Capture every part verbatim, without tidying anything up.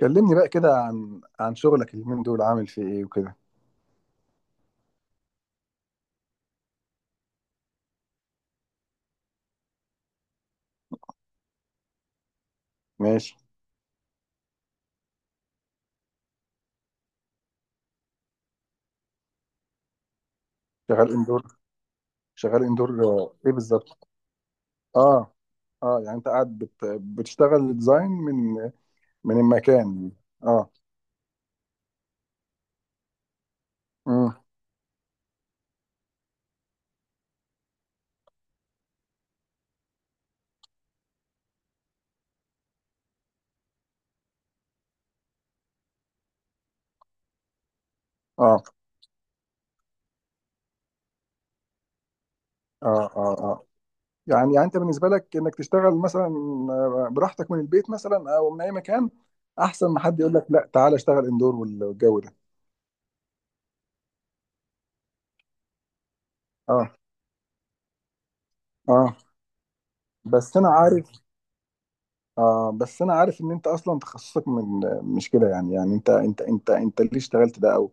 كلمني بقى كده عن عن شغلك اليومين دول عامل فيه ايه وكده؟ ماشي. شغال اندور شغال اندور، آه، ايه بالظبط؟ اه، اه، يعني انت قاعد بت... بتشتغل ديزاين من من المكان. اه. امم. اه، اه، اه، اه، يعني يعني انت بالنسبه لك انك تشتغل مثلا آه، براحتك من البيت مثلا او من اي مكان، احسن ما حد يقول لك لا تعالى اشتغل اندور والجو ده. اه، اه، بس انا عارف. آه بس انا عارف ان انت اصلا تخصصك من مش كده، يعني يعني انت انت انت انت ليه اشتغلت ده، او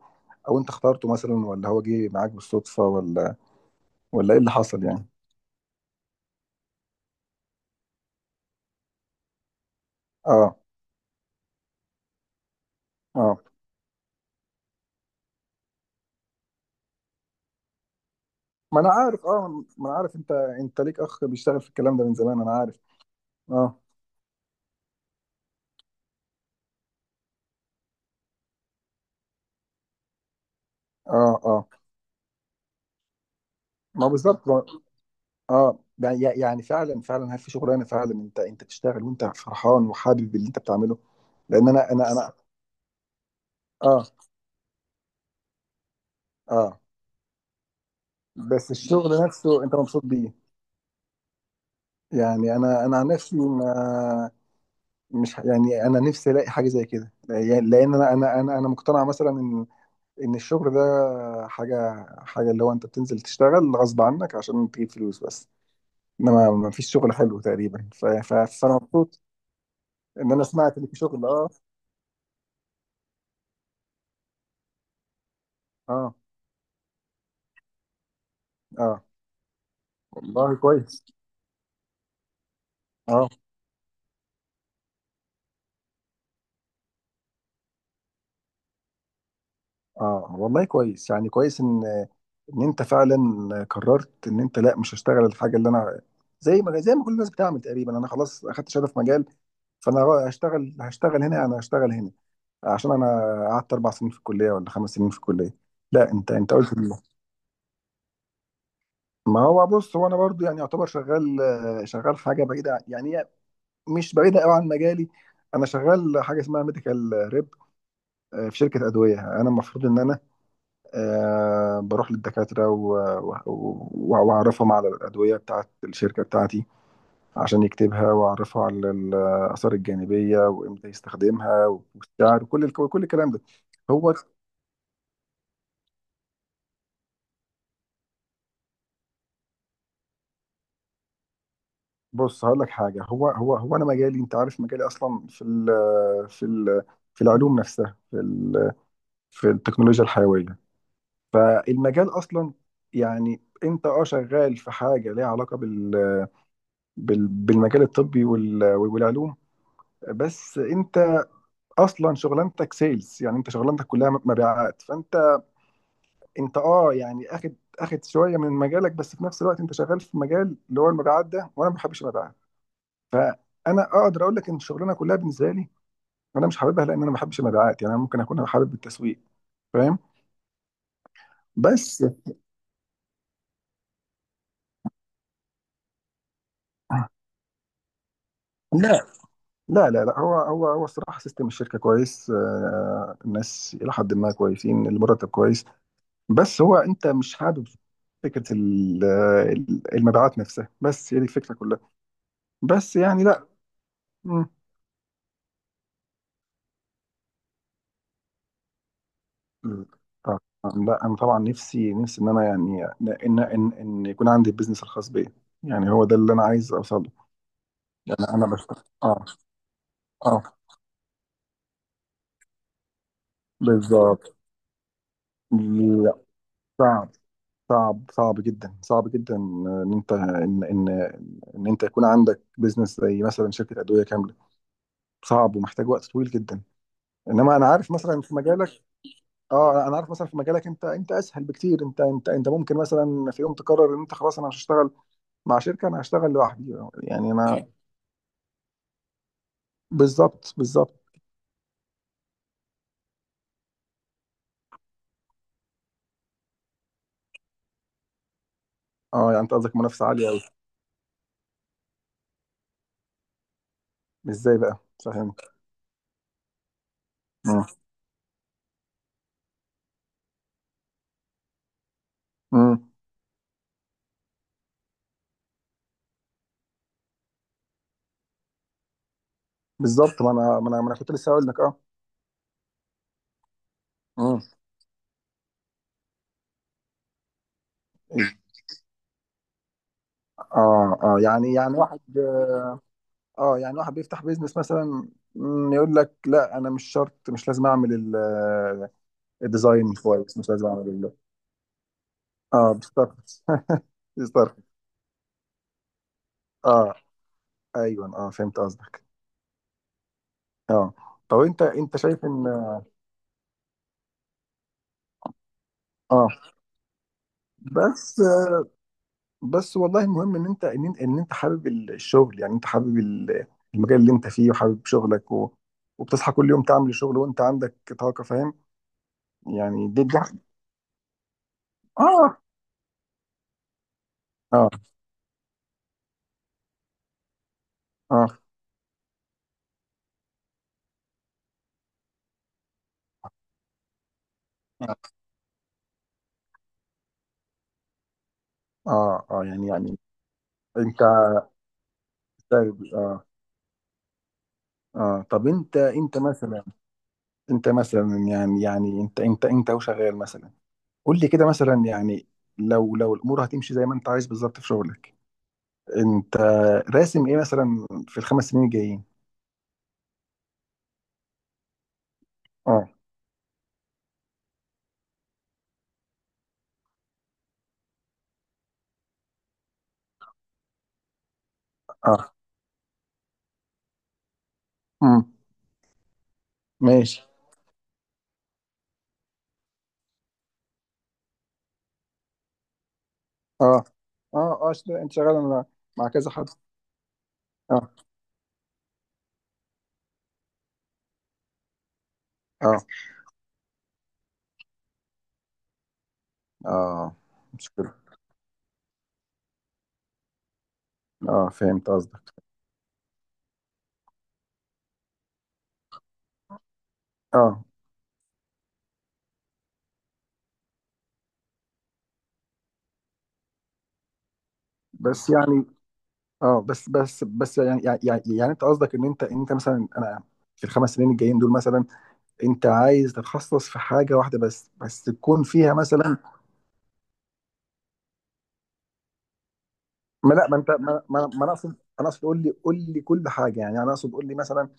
او انت اخترته مثلا، ولا هو جه معاك بالصدفة، ولا ولا ايه اللي حصل يعني؟ اه، اه، ما انا عارف اه ما انا عارف، انت انت ليك اخ بيشتغل في الكلام ده من زمان، انا عارف. اه، اه، اه. ما بالظبط ما- اه، يعني يعني فعلا فعلا هل في شغلانه فعلا انت انت تشتغل وانت فرحان وحابب اللي انت بتعمله؟ لان انا انا انا اه، اه. بس الشغل نفسه انت مبسوط بيه؟ يعني انا انا عن نفسي، ما مش ه- يعني انا نفسي الاقي حاجه زي كده، يعني لان انا انا انا انا مقتنع مثلا ان ان الشغل ده، حاجه حاجه اللي هو انت بتنزل تشتغل غصب عنك عشان تجيب فلوس بس، انما ما فيش شغل حلو تقريبا، ف- ف- فانا مبسوط. ان انا سمعت ان في شغل اه. اه، اه، والله كويس. اه، اه، والله كويس، يعني كويس ان ان انت فعلا قررت ان انت لا مش هشتغل الحاجه اللي انا، زي ما زي ما كل الناس بتعمل تقريبا، انا خلاص اخدت شهاده في مجال، فانا را- هشتغل هشتغل هنا، انا هشتغل هنا عشان انا قعدت اربع سنين في الكليه، ولا خمس سنين في الكليه. لا، انت انت قلت ال- ما هو بص، هو انا برضو يعني يعتبر شغال، شغال حاجه بعيده، يعني هي مش بعيده قوي عن مجالي. انا شغال حاجه اسمها ميديكال ريب، في شركه ادويه، انا المفروض ان انا آه بروح للدكاترة و- و- و- وأعرفهم على الأدوية بتاعت الشركة بتاعتي، عشان يكتبها، وأعرفه على الآثار الجانبية، وإمتى يستخدمها، والسعر، وكل الك- كل الكلام ده. هو بص، هقول لك حاجة، هو هو هو أنا مجالي، أنت عارف مجالي أصلا في ال، في ال في العلوم نفسها، في ال في التكنولوجيا الحيوية، فالمجال أصلا، يعني أنت أه شغال في حاجة ليها علاقة بال، بال- بالمجال الطبي، وال- والعلوم. بس انت اصلا شغلانتك سيلز، يعني انت شغلانتك كلها مبيعات، فانت انت اه يعني اخد اخد شويه من مجالك، بس في نفس الوقت انت شغال في مجال اللي هو المبيعات ده، وانا ما بحبش المبيعات. فانا اقدر اقول لك ان الشغلانه كلها بالنسبه لي، انا مش حاببها، لان انا ما بحبش المبيعات، يعني انا ممكن اكون حابب التسويق، فاهم؟ بس. لا، لا، لا، لا، هو هو هو الصراحه سيستم الشركه كويس، آه، الناس الى حد ما كويسين، المرتب كويس، بس هو انت مش حابب فكره ال- ال- المبيعات نفسها، بس هي دي الفكره كلها، بس يعني لا. مم. طبعاً. لا، انا طبعا نفسي نفسي ان انا يعني ان ان ان يكون عندي البيزنس الخاص بيا، يعني هو ده اللي انا عايز اوصله. يعني انا بشتغل اه. اه، بالظبط. لا. صعب. صعب، صعب جدا، صعب جدا ان انت ان ان ان انت يكون عندك بيزنس زي مثلا شركه ادويه كامله، صعب ومحتاج وقت طويل جدا. انما انا عارف مثلا في مجالك. اه، انا عارف مثلا في مجالك انت انت اسهل بكتير، انت انت انت ممكن مثلا في يوم تقرر ان انت خلاص انا مش هشتغل مع شركه، انا هشتغل لوحدي. يعني انا اه، بالظبط، بالظبط. اه، يعني انت قصدك منافسه عاليه قوي؟ ازاي بقى؟ فهمت. مم. مم. بالظبط، ما انا ما انا ما انا كنت لسه هقول لك اه. مم. اه، اه، يعني يعني واحد. اه، يعني واحد بيفتح بيزنس مثلا، مم، يقول لك لا، انا مش شرط، مش لازم اعمل ال- الديزاين كويس، مش لازم اعمل ال- اه، بالظبط، بالظبط. اه. ايوه، اه، فهمت قصدك. اه، طب انت انت شايف ان، اه بس. بس والله المهم ان انت ان انت ان انت حابب ال- الشغل، يعني انت حابب ال- المجال اللي انت فيه، وحابب شغلك، و... وبتصحى كل يوم تعمل الشغل وانت عندك طاقة، فاهم؟ يعني دي دي، اه، اه، اه، اه، اه، يعني يعني انت. طيب. اه. اه، طب انت انت مثلا، انت مثلا يعني يعني انت انت انت وشغال مثلا، قول لي كده مثلا يعني، لو لو الامور هتمشي زي ما انت عايز بالظبط في شغلك، انت راسم ايه مثلا في الخمس سنين الجايين؟ اه، اه، ماشي. اه اه، اه، شت- انت شغال مع مع كذا حد. اه، اه، اه، مشكلة. اه، فهمت قصدك. اه، بس يعني اه، بس بس بس يعني يعني يعني, يعني انت قصدك ان انت ان انت مثلا انا، في الخمس سنين الجايين دول مثلا، انت عايز تتخصص في حاجة واحدة بس بس تكون فيها مثلا. ما لا، ما انت ما ما ما انا اقصد، انا اقصد، قول لي قول لي كل حاجة، يعني انا اقصد قول لي مثلا،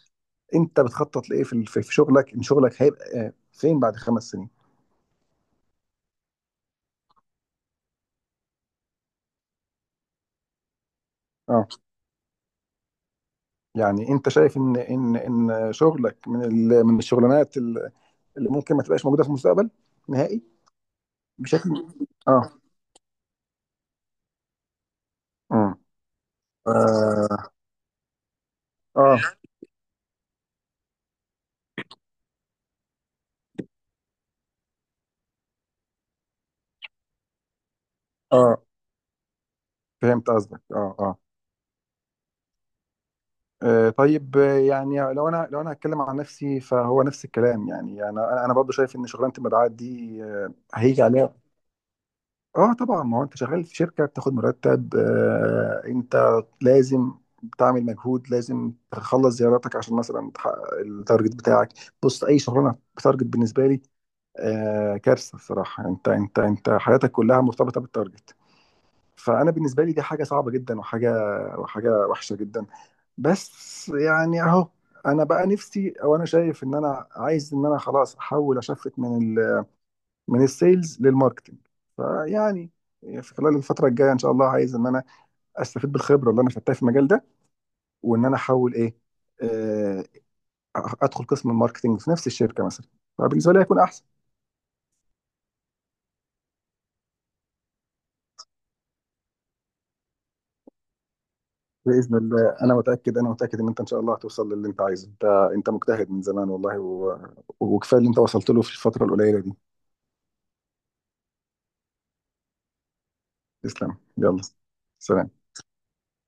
انت بتخطط لايه في ال- في في شغلك؟ ان شغلك هيبقى آه، فين بعد خمس سنين؟ اه، يعني انت شايف ان ان ان شغلك من ال- من الشغلانات ال- اللي ممكن ما تبقاش موجوده في المستقبل نهائي؟ بشكل، اه، امم، اه، اه، اه، فهمت قصدك، اه، اه. آه، طيب، آه، يعني لو انا لو انا هتكلم عن نفسي، فهو نفس الكلام، يعني يعني انا انا برضه شايف ان شغلانه المبيعات دي آه، هيجي عليها. اه، طبعا، ما هو انت شغال في شركه، بتاخد مرتب، آه انت لازم تعمل مجهود، لازم تخلص زياراتك عشان مثلا تحقق التارجت بتاعك. بص، اي شغلانه بتارجت بالنسبه لي آه كارثه الصراحه. انت انت انت حياتك كلها مرتبطه بالتارجت، فانا بالنسبه لي دي حاجه صعبه جدا، وحاجه وحاجه وحشه جدا، بس يعني اهو. انا بقى نفسي، او انا شايف ان انا عايز ان انا خلاص احول اشفت من من السيلز للماركتنج، فيعني في خلال الفترة الجاية إن شاء الله، عايز إن أنا أستفيد بالخبرة اللي أنا خدتها في المجال ده، وإن أنا أحاول إيه، آه، أدخل قسم الماركتنج في نفس الشركة مثلا، فبالنسبة لي هيكون أحسن. بإذن الله، أنا متأكد أنا متأكد إن أنت إن شاء الله هتوصل للي أنت عايزه، أنت أنت مجتهد من زمان والله، و... وكفاية اللي أنت وصلت له في الفترة القليلة دي. تسلم. يلا. سلام.